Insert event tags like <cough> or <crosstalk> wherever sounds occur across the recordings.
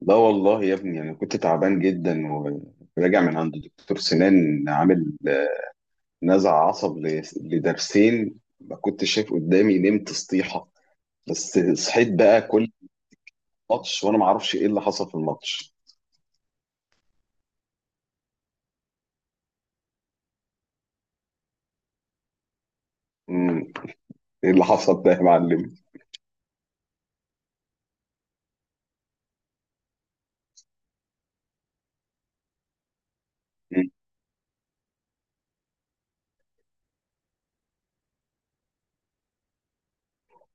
لا والله يا ابني، انا كنت تعبان جدا وراجع من عند دكتور سنان، عامل نزع عصب لضرسين. ما كنتش شايف قدامي، نمت سطيحه. بس صحيت بقى كل ماتش وانا ما اعرفش ايه اللي حصل في الماتش. امم ايه اللي حصل ده يا معلم؟ مم.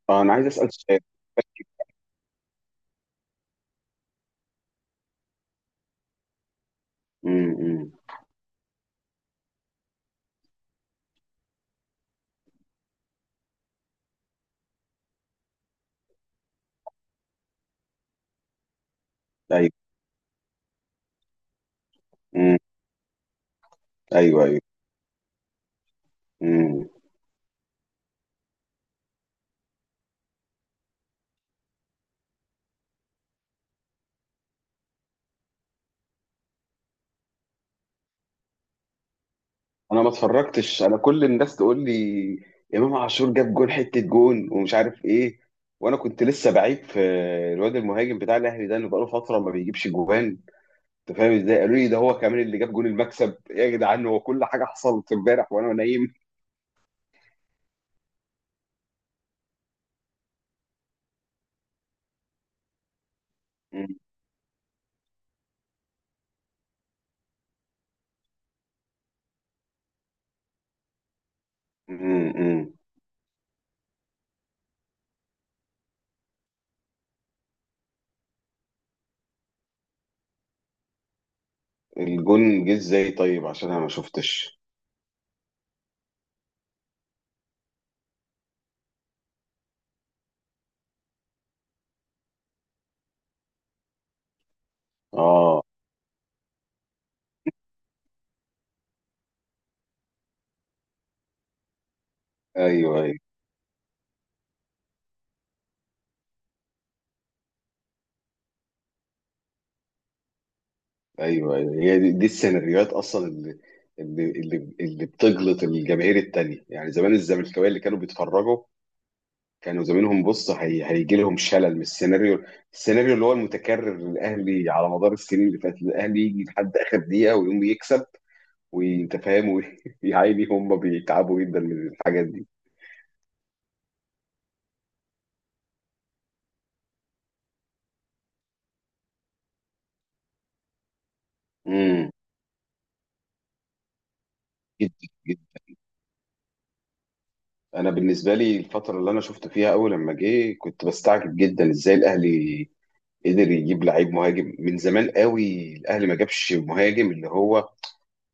اه انا عايز اسال سؤال. أمم. ايوه. امم ايوه ايوه. امم انا ما اتفرجتش، انا كل الناس تقول لي امام عاشور جاب جون، حته جون ومش عارف ايه. وانا كنت لسه بعيب في الواد المهاجم بتاع الاهلي ده اللي بقاله فتره ما بيجيبش جوان. انت فاهم ازاي؟ قالوا لي ده هو كمان اللي جاب جون المكسب يا جدعان. هو كل حاجه حصلت امبارح وانا نايم. م- م- م. الجون جه ازاي طيب؟ عشان انا ما شفتش. اه. ايوه ايوه. ايوه ايوه. هي دي السيناريوهات اصلا اللي بتجلط الجماهير التانية. يعني زمان الزملكاويه اللي كانوا بيتفرجوا كانوا زمانهم بص هيجي لهم شلل من السيناريو اللي هو المتكرر للاهلي على مدار السنين اللي فاتت. الاهلي يجي لحد اخر دقيقه ويقوم يكسب وانت فاهم. ويا <laughs> عيني، هم بيتعبوا جدا من الحاجات دي. امم جدا جدا. انا بالنسبه لي، الفتره اللي انا شفت فيها اول لما جه كنت بستعجب جدا ازاي الاهلي قدر يجيب لعيب مهاجم. من زمان قوي الاهلي ما جابش مهاجم اللي هو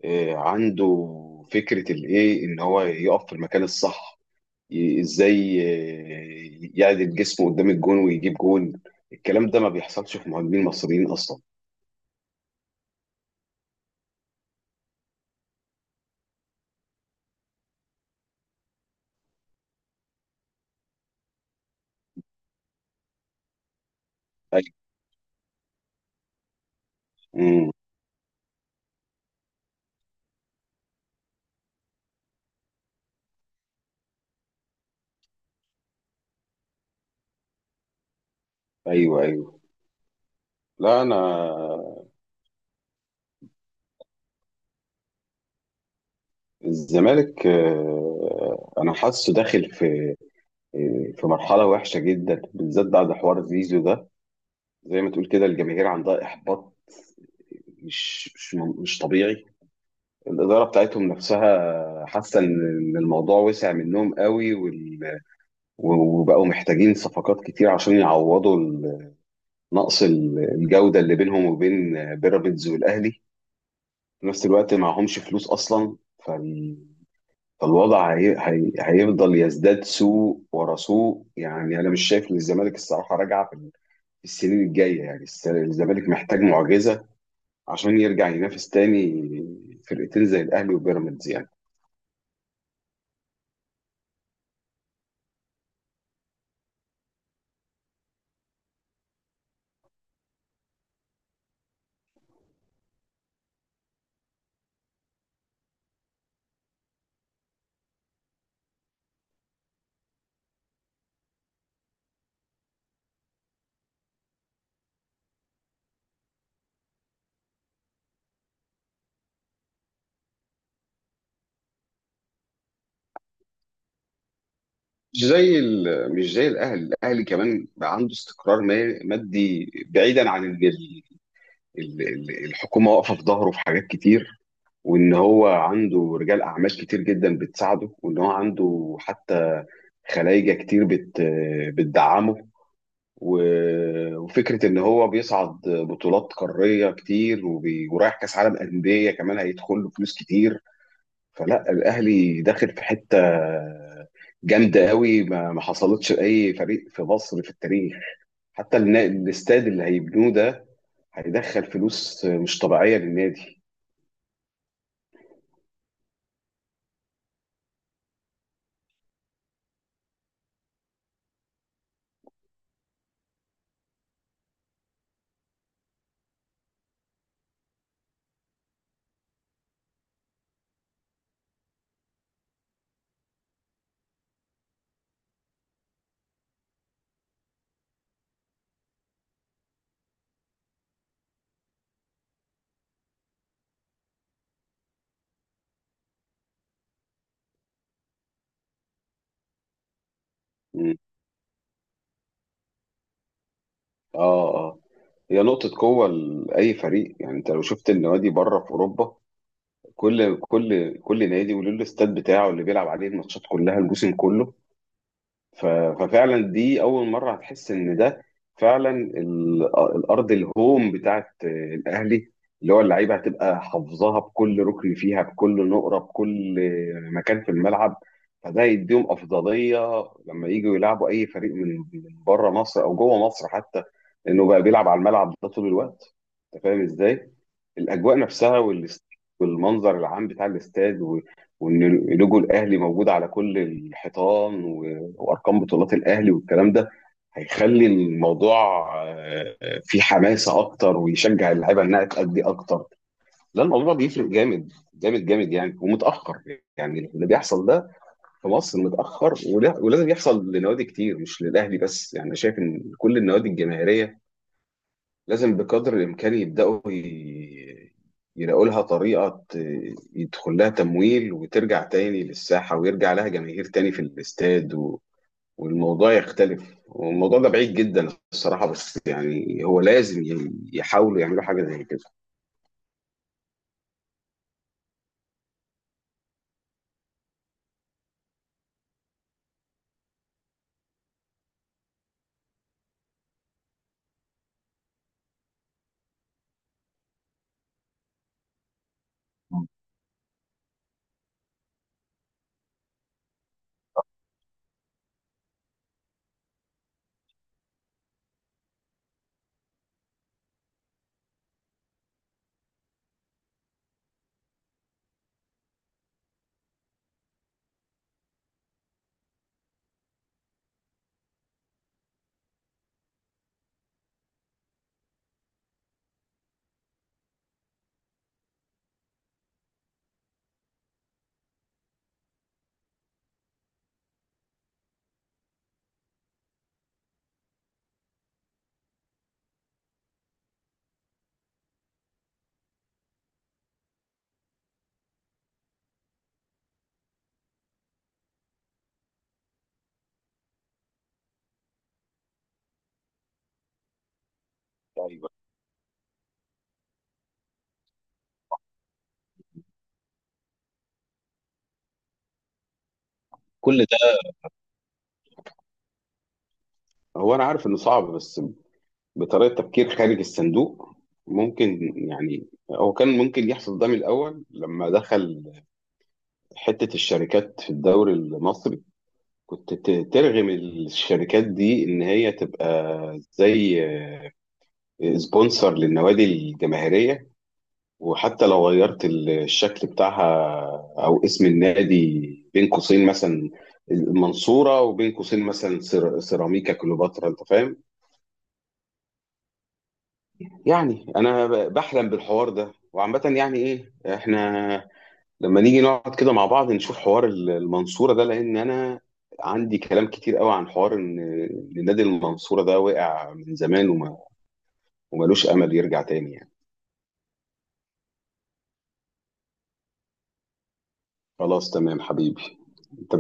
عنده فكره الايه ان هو يقف في المكان الصح. ازاي يعدل جسمه قدام الجون ويجيب جون؟ الكلام ده ما بيحصلش في مهاجمين مصريين اصلا. ايوه. مم. ايوه ايوه. لا انا، الزمالك انا حاسه داخل في في مرحله وحشه جدا، بالذات بعد حوار زيزو ده. زي ما تقول كده الجماهير عندها احباط مش طبيعي. الاداره بتاعتهم نفسها حاسه إن الموضوع وسع منهم قوي، وبقوا محتاجين صفقات كتير عشان يعوضوا نقص الجودة اللي بينهم وبين بيراميدز والأهلي. في نفس الوقت معهمش فلوس أصلا. فال... فالوضع هيفضل يزداد سوء ورا سوء. يعني أنا مش شايف إن الزمالك الصراحة راجعة في في السنين الجاية يعني. الزمالك محتاج معجزة عشان يرجع ينافس تاني فرقتين زي الأهلي وبيراميدز يعني. مش زي الأهلي. الأهلي كمان بقى عنده استقرار مادي بعيدا عن الحكومة واقفة في ظهره في حاجات كتير، وان هو عنده رجال اعمال كتير جدا بتساعده، وان هو عنده حتى خلايجه كتير بتدعمه، وفكره ان هو بيصعد بطولات قاريه كتير، ورايح كاس عالم انديه كمان هيدخل له فلوس كتير. فلا، الاهلي داخل في حته جامده قوي ما حصلتش لاي فريق في مصر في التاريخ. حتى الاستاد اللي هيبنوه ده هيدخل فلوس مش طبيعيه للنادي. اه اه. هي نقطة قوة لأي فريق. يعني أنت لو شفت النوادي بره في أوروبا، كل نادي وله الاستاد بتاعه اللي بيلعب عليه الماتشات كلها الموسم كله. ف- ففعلا دي اول مره هتحس ان ده فعلا الارض الهوم بتاعت الاهلي اللي هو اللعيبه هتبقى حافظاها بكل ركن فيها، بكل نقره، بكل مكان في الملعب. فده يديهم افضليه لما يجوا يلعبوا اي فريق من بره مصر او جوه مصر حتى، لانه بقى بيلعب على الملعب ده طول الوقت. انت فاهم ازاي؟ الاجواء نفسها والمنظر العام بتاع الاستاد وان لوجو الاهلي موجود على كل الحيطان، وارقام بطولات الاهلي والكلام ده هيخلي الموضوع فيه حماسه اكتر ويشجع اللعيبه انها تأدي اكتر. لا الموضوع بيفرق جامد جامد يعني. ومتاخر يعني اللي بيحصل ده في مصر، متاخر ولازم يحصل لنوادي كتير، مش للاهلي بس يعني. أنا شايف ان كل النوادي الجماهيريه لازم بقدر الامكان يبداوا يلاقوا لها طريقه يدخل لها تمويل وترجع تاني للساحه، ويرجع لها جماهير تاني في الاستاد والموضوع يختلف. والموضوع ده بعيد جدا الصراحة، بس يعني هو لازم يحاولوا يعملوا حاجة زي كده. ايوه. كل ده، هو أنا عارف إنه صعب، بس بطريقة تفكير خارج الصندوق ممكن يعني. هو كان ممكن يحصل ده من الأول لما دخل حتة الشركات في الدوري المصري. كنت ترغم الشركات دي إن هي تبقى زي سبونسر للنوادي الجماهيرية، وحتى لو غيرت الشكل بتاعها او اسم النادي، بين قوسين مثلا المنصورة وبين قوسين مثلا سيراميكا كليوباترا. انت فاهم يعني؟ انا بحلم بالحوار ده. وعامة يعني ايه، احنا لما نيجي نقعد كده مع بعض نشوف حوار المنصورة ده، لان انا عندي كلام كتير قوي عن حوار ان إن نادي المنصورة ده وقع من زمان وملوش امل يرجع تاني يعني. خلاص تمام حبيبي. انت مش